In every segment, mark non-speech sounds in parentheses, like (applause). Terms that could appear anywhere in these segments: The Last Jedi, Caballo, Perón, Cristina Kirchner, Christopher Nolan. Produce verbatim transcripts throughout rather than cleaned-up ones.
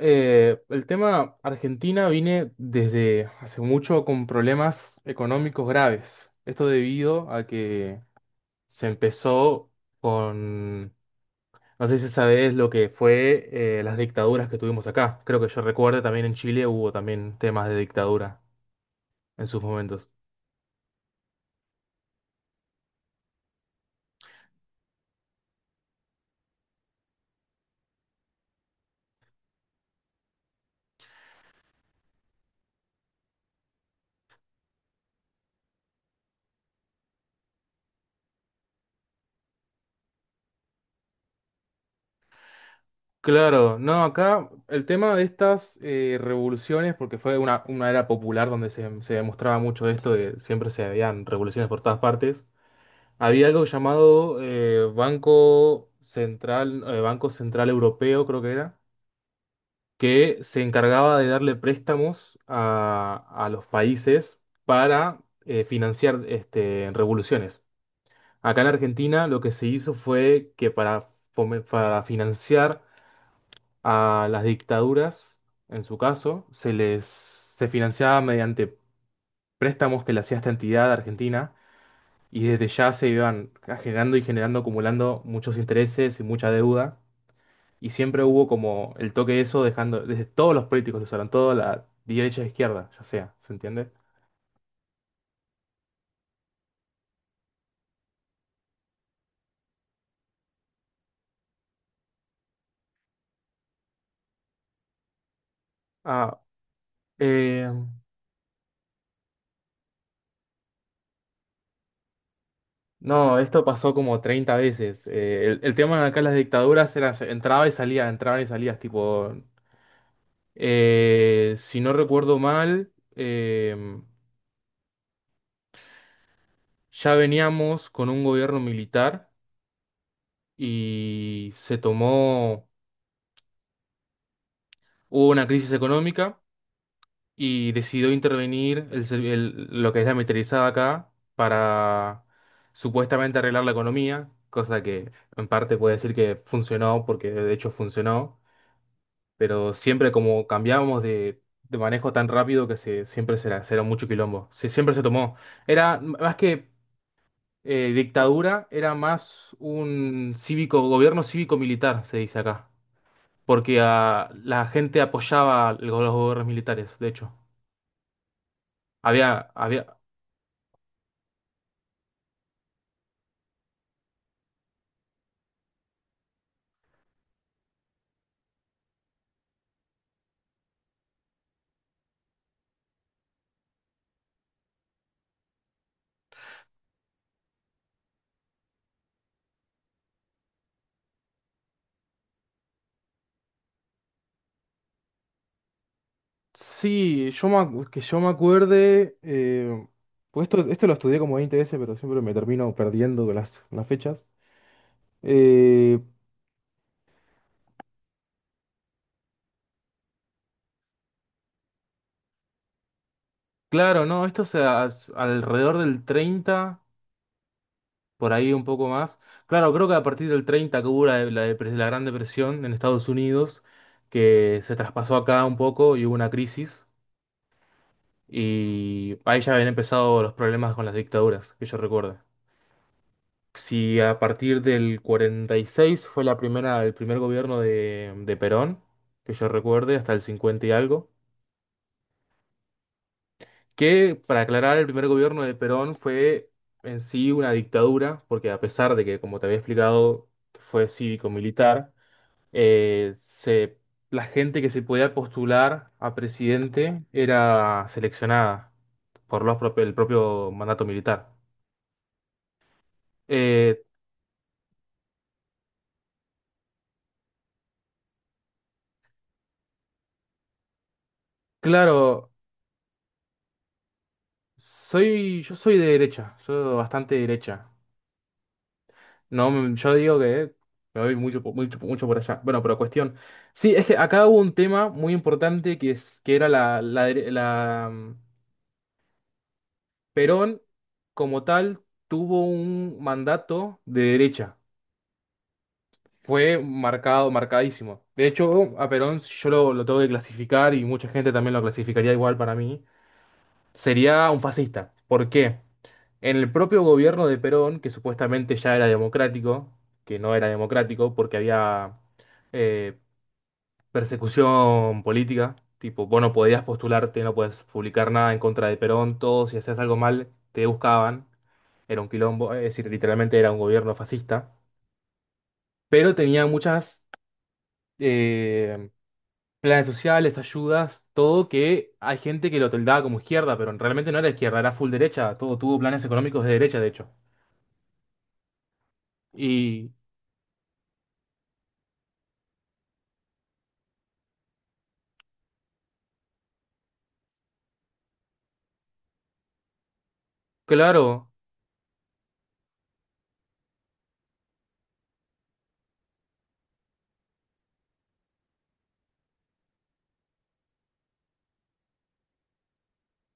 Eh, el tema Argentina viene desde hace mucho con problemas económicos graves. Esto debido a que se empezó con, no sé si sabes lo que fue eh, las dictaduras que tuvimos acá. Creo que yo recuerdo también en Chile hubo también temas de dictadura en sus momentos. Claro, no, acá el tema de estas eh, revoluciones, porque fue una, una era popular donde se, se demostraba mucho esto, de siempre se habían revoluciones por todas partes. Había algo llamado eh, Banco Central, eh, Banco Central Europeo, creo que era, que se encargaba de darle préstamos a, a los países para eh, financiar este, revoluciones. Acá en Argentina lo que se hizo fue que para, fome- para financiar a las dictaduras, en su caso, se les se financiaba mediante préstamos que le hacía esta entidad argentina y desde ya se iban generando y generando, acumulando muchos intereses y mucha deuda. Y siempre hubo como el toque de eso, dejando, desde todos los políticos lo usaron, toda la derecha e izquierda, ya sea, ¿se entiende? Ah, eh, no, esto pasó como treinta veces. Eh, el, el tema de acá las dictaduras era, se- entraba y salía, entraba y salías, tipo, eh, si no recuerdo mal, eh, ya veníamos con un gobierno militar y se tomó. Hubo una crisis económica y decidió intervenir el ser- el- lo que es la militarizada acá para supuestamente arreglar la economía, cosa que en parte puede decir que funcionó, porque de hecho funcionó, pero siempre como cambiábamos de, de manejo tan rápido que se, siempre se, era se era mucho quilombo, se, siempre se tomó. Era m- más que eh, dictadura, era más un cívico, gobierno cívico-militar, se dice acá, porque ah, la gente apoyaba el- los gobiernos militares, de hecho. Había, había. Sí, yo me, acu- que yo me acuerde. Eh, pues esto, esto lo estudié como veinte veces, pero siempre me termino perdiendo con las, con las fechas. Eh, claro, no, esto se as- alrededor del treinta, por ahí un poco más. Claro, creo que a partir del treinta que hubo la, la depres- la Gran Depresión en Estados Unidos, que se traspasó acá un poco y hubo una crisis. Y ahí ya habían empezado los problemas con las dictaduras, que yo recuerdo. Si a partir del cuarenta y seis fue la primera, el primer gobierno de, de Perón, que yo recuerde, hasta el cincuenta y algo, que para aclarar, el primer gobierno de Perón fue en sí una dictadura, porque a pesar de que, como te había explicado, fue cívico-militar, eh, se- la gente que se podía postular a presidente era seleccionada por los propios- el propio mandato militar. Eh, claro, Soy, yo soy de derecha, soy bastante derecha. No, mm, yo digo que me voy mucho, po- mucho, mucho por allá. Bueno, pero cuestión. Sí, es que acá hubo un tema muy importante que es que era la, la, dere- la, mm, Perón, como tal, tuvo un mandato de derecha. Fue marcado, marcadísimo. De hecho, a Perón yo lo, lo tengo que clasificar y mucha gente también lo clasificaría igual para mí. Sería un fascista. ¿Por qué? En el propio gobierno de Perón, que supuestamente ya era democrático, que no era democrático porque había eh, persecución política, tipo, vos no podías postularte, no podías publicar nada en contra de Perón, todo, si hacías algo mal, te buscaban, era un quilombo, es decir, literalmente era un gobierno fascista, pero tenía muchas eh, planes sociales, ayudas, todo que hay gente que lo tildaba como izquierda, pero realmente no era izquierda, era full derecha, todo tuvo planes económicos de derecha, de hecho. Y claro.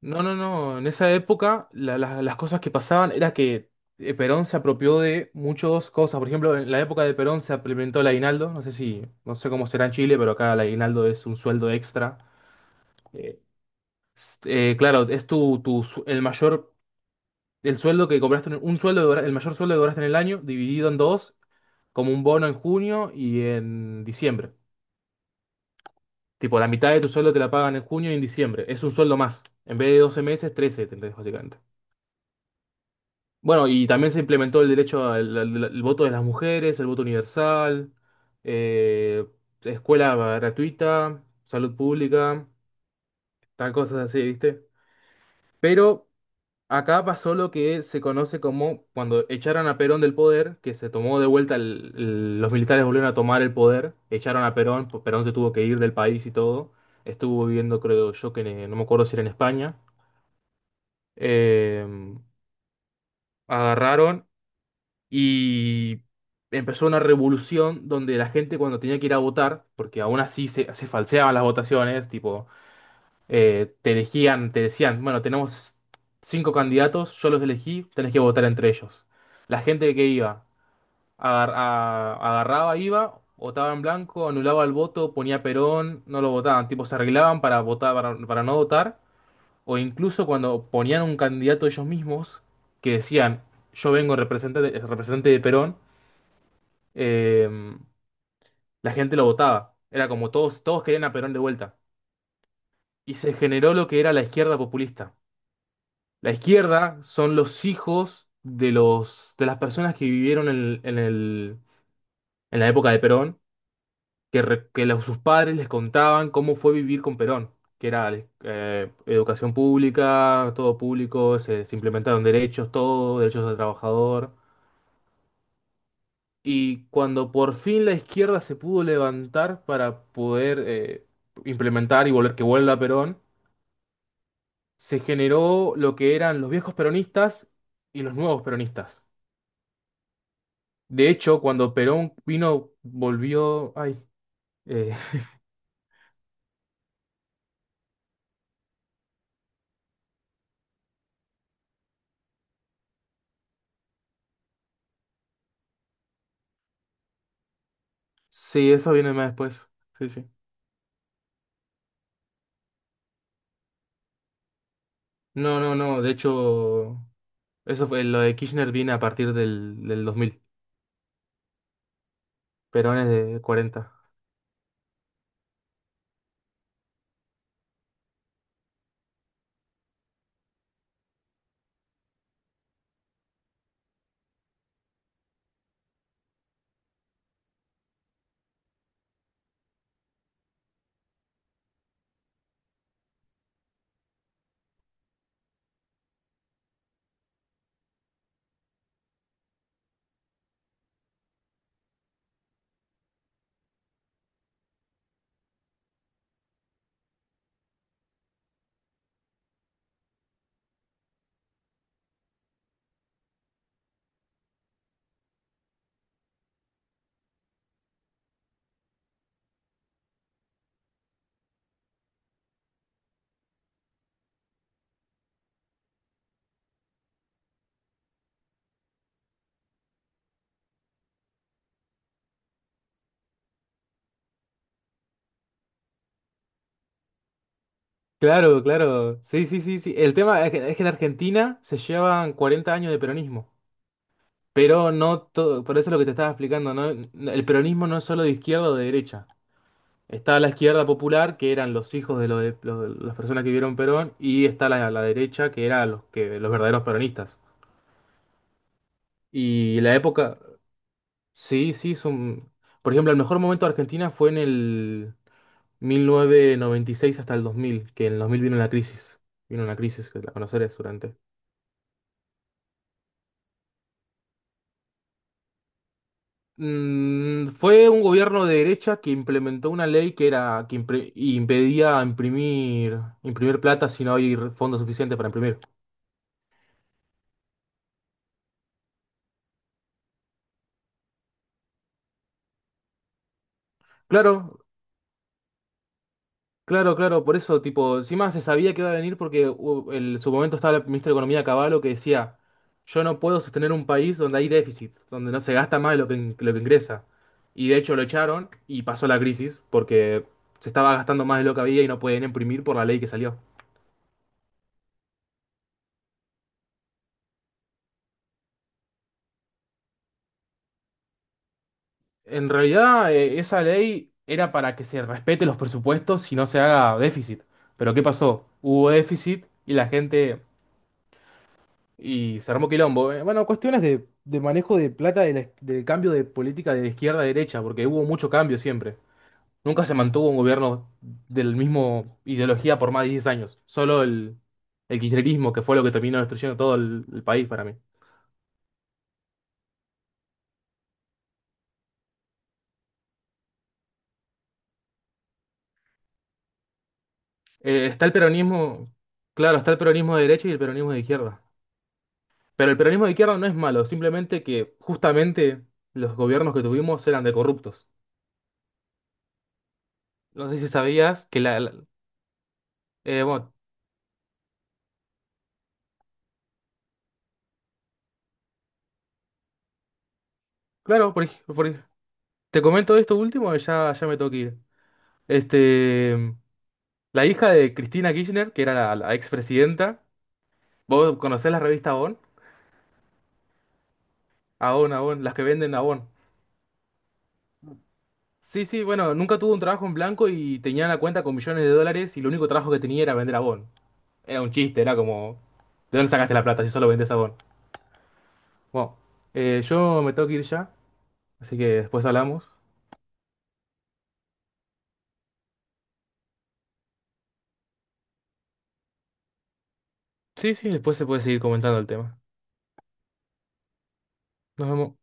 No, no, no. En esa época la- la- las cosas que pasaban era que eh, Perón se apropió de muchas cosas. Por ejemplo, en la época de Perón se implementó el aguinaldo. No sé si, no sé cómo será en Chile, pero acá el aguinaldo es un sueldo extra. Eh, eh, claro, es tu, tu su- el mayor, el sueldo que cobraste, en- un sueldo, que cobra- el mayor sueldo que cobraste en el año, dividido en dos, como un bono en junio y en diciembre. Tipo, la mitad de tu sueldo te la pagan en junio y en diciembre. Es un sueldo más. En vez de doce meses, trece, tendrás, básicamente. Bueno, y también se implementó el derecho al, al- al voto de las mujeres, el voto universal, eh, escuela gratuita, salud pública, tal cosas así, ¿viste? Pero acá pasó lo que se conoce como cuando echaron a Perón del poder, que se tomó de vuelta, el- el- los militares volvieron a tomar el poder, echaron a Perón, pues Perón se tuvo que ir del país y todo, estuvo viviendo, creo yo, que en- no me acuerdo si era en España. Eh, Agarraron y empezó una revolución donde la gente cuando tenía que ir a votar, porque aún así se, se falseaban las votaciones, tipo, eh, te elegían, te decían, bueno, tenemos cinco candidatos, yo los elegí, tenés que votar entre ellos. La gente que iba, agar- a- agarraba, iba, votaba en blanco, anulaba el voto, ponía Perón, no lo votaban, tipo, se arreglaban para votar, para, para no votar, o incluso cuando ponían un candidato ellos mismos, que decían, yo vengo representante, representante de Perón, em, la gente lo votaba. Era como todos, todos querían a Perón de vuelta. Y se generó lo que era la izquierda populista. La izquierda son los hijos de los, de las personas que vivieron en, en el- en la época de Perón, que, re- que los- sus padres les contaban cómo fue vivir con Perón, que era eh, educación pública, todo público, se, se implementaron derechos, todo, derechos del trabajador. Y cuando por fin la izquierda se pudo levantar para poder eh, implementar y volver que vuelva Perón, se generó lo que eran los viejos peronistas y los nuevos peronistas. De hecho, cuando Perón vino, volvió. Ay, eh, (laughs) sí, eso viene más después. Sí, sí. No, no, no. De hecho, eso fue lo de Kirchner viene a partir del, del dos mil. Perón es de cuarenta. Claro, claro. Sí, sí, sí, sí. El tema es que, es que en Argentina se llevan cuarenta años de peronismo. Pero no todo, por eso es lo que te estaba explicando, ¿no? El peronismo no es solo de izquierda o de derecha. Está la izquierda popular, que eran los hijos de, lo de- lo- de las personas que vivieron Perón, y está la, la derecha, que eran los, que, los verdaderos peronistas. Y la época. Sí, sí. es un- Por ejemplo, el mejor momento de Argentina fue en el mil novecientos noventa y seis hasta el dos mil que en el dos mil vino una crisis. Vino una crisis, que la conocerás durante. Mm, fue un gobierno de derecha que implementó una ley que era que impre- impedía imprimir imprimir plata si no hay re- fondos suficientes para imprimir. Claro, claro, claro, por eso, tipo, encima se sabía que iba a venir porque hu- en su momento estaba el ministro de Economía Caballo que decía, yo no puedo sostener un país donde hay déficit, donde no se gasta más de lo que, in- lo que ingresa. Y de hecho lo echaron y pasó la crisis porque se estaba gastando más de lo que había y no podían imprimir por la ley que salió. En realidad, eh, esa ley era para que se respete los presupuestos y no se haga déficit. Pero ¿qué pasó? Hubo déficit y la gente. Y se armó quilombo. Eh, Bueno, cuestiones de, de manejo de plata de la- del cambio de política de izquierda a derecha, porque hubo mucho cambio siempre. Nunca se mantuvo un gobierno del mismo ideología por más de diez años. Solo el, el kirchnerismo, que fue lo que terminó destruyendo todo el, el país para mí. Eh, está el peronismo, claro, está el peronismo de derecha y el peronismo de izquierda. Pero el peronismo de izquierda no es malo, simplemente que justamente los gobiernos que tuvimos eran de corruptos. No sé si sabías que la... la- eh, Bueno, claro, por, ej- por ej- te comento esto último y ya, ya me tengo que ir. Este, la hija de Cristina Kirchner, que era la, la expresidenta, vos conocés la revista Avon. Avon, Avon, las que venden Avon. Sí, sí, bueno, nunca tuvo un trabajo en blanco y tenía una cuenta con millones de dólares y el único trabajo que tenía era vender Avon. Era un chiste, era como, ¿de dónde sacaste la plata si solo vendés Avon? Bueno, eh, yo me tengo que ir ya, así que después hablamos. Sí, sí, después se puede seguir comentando el tema. Nos vemos.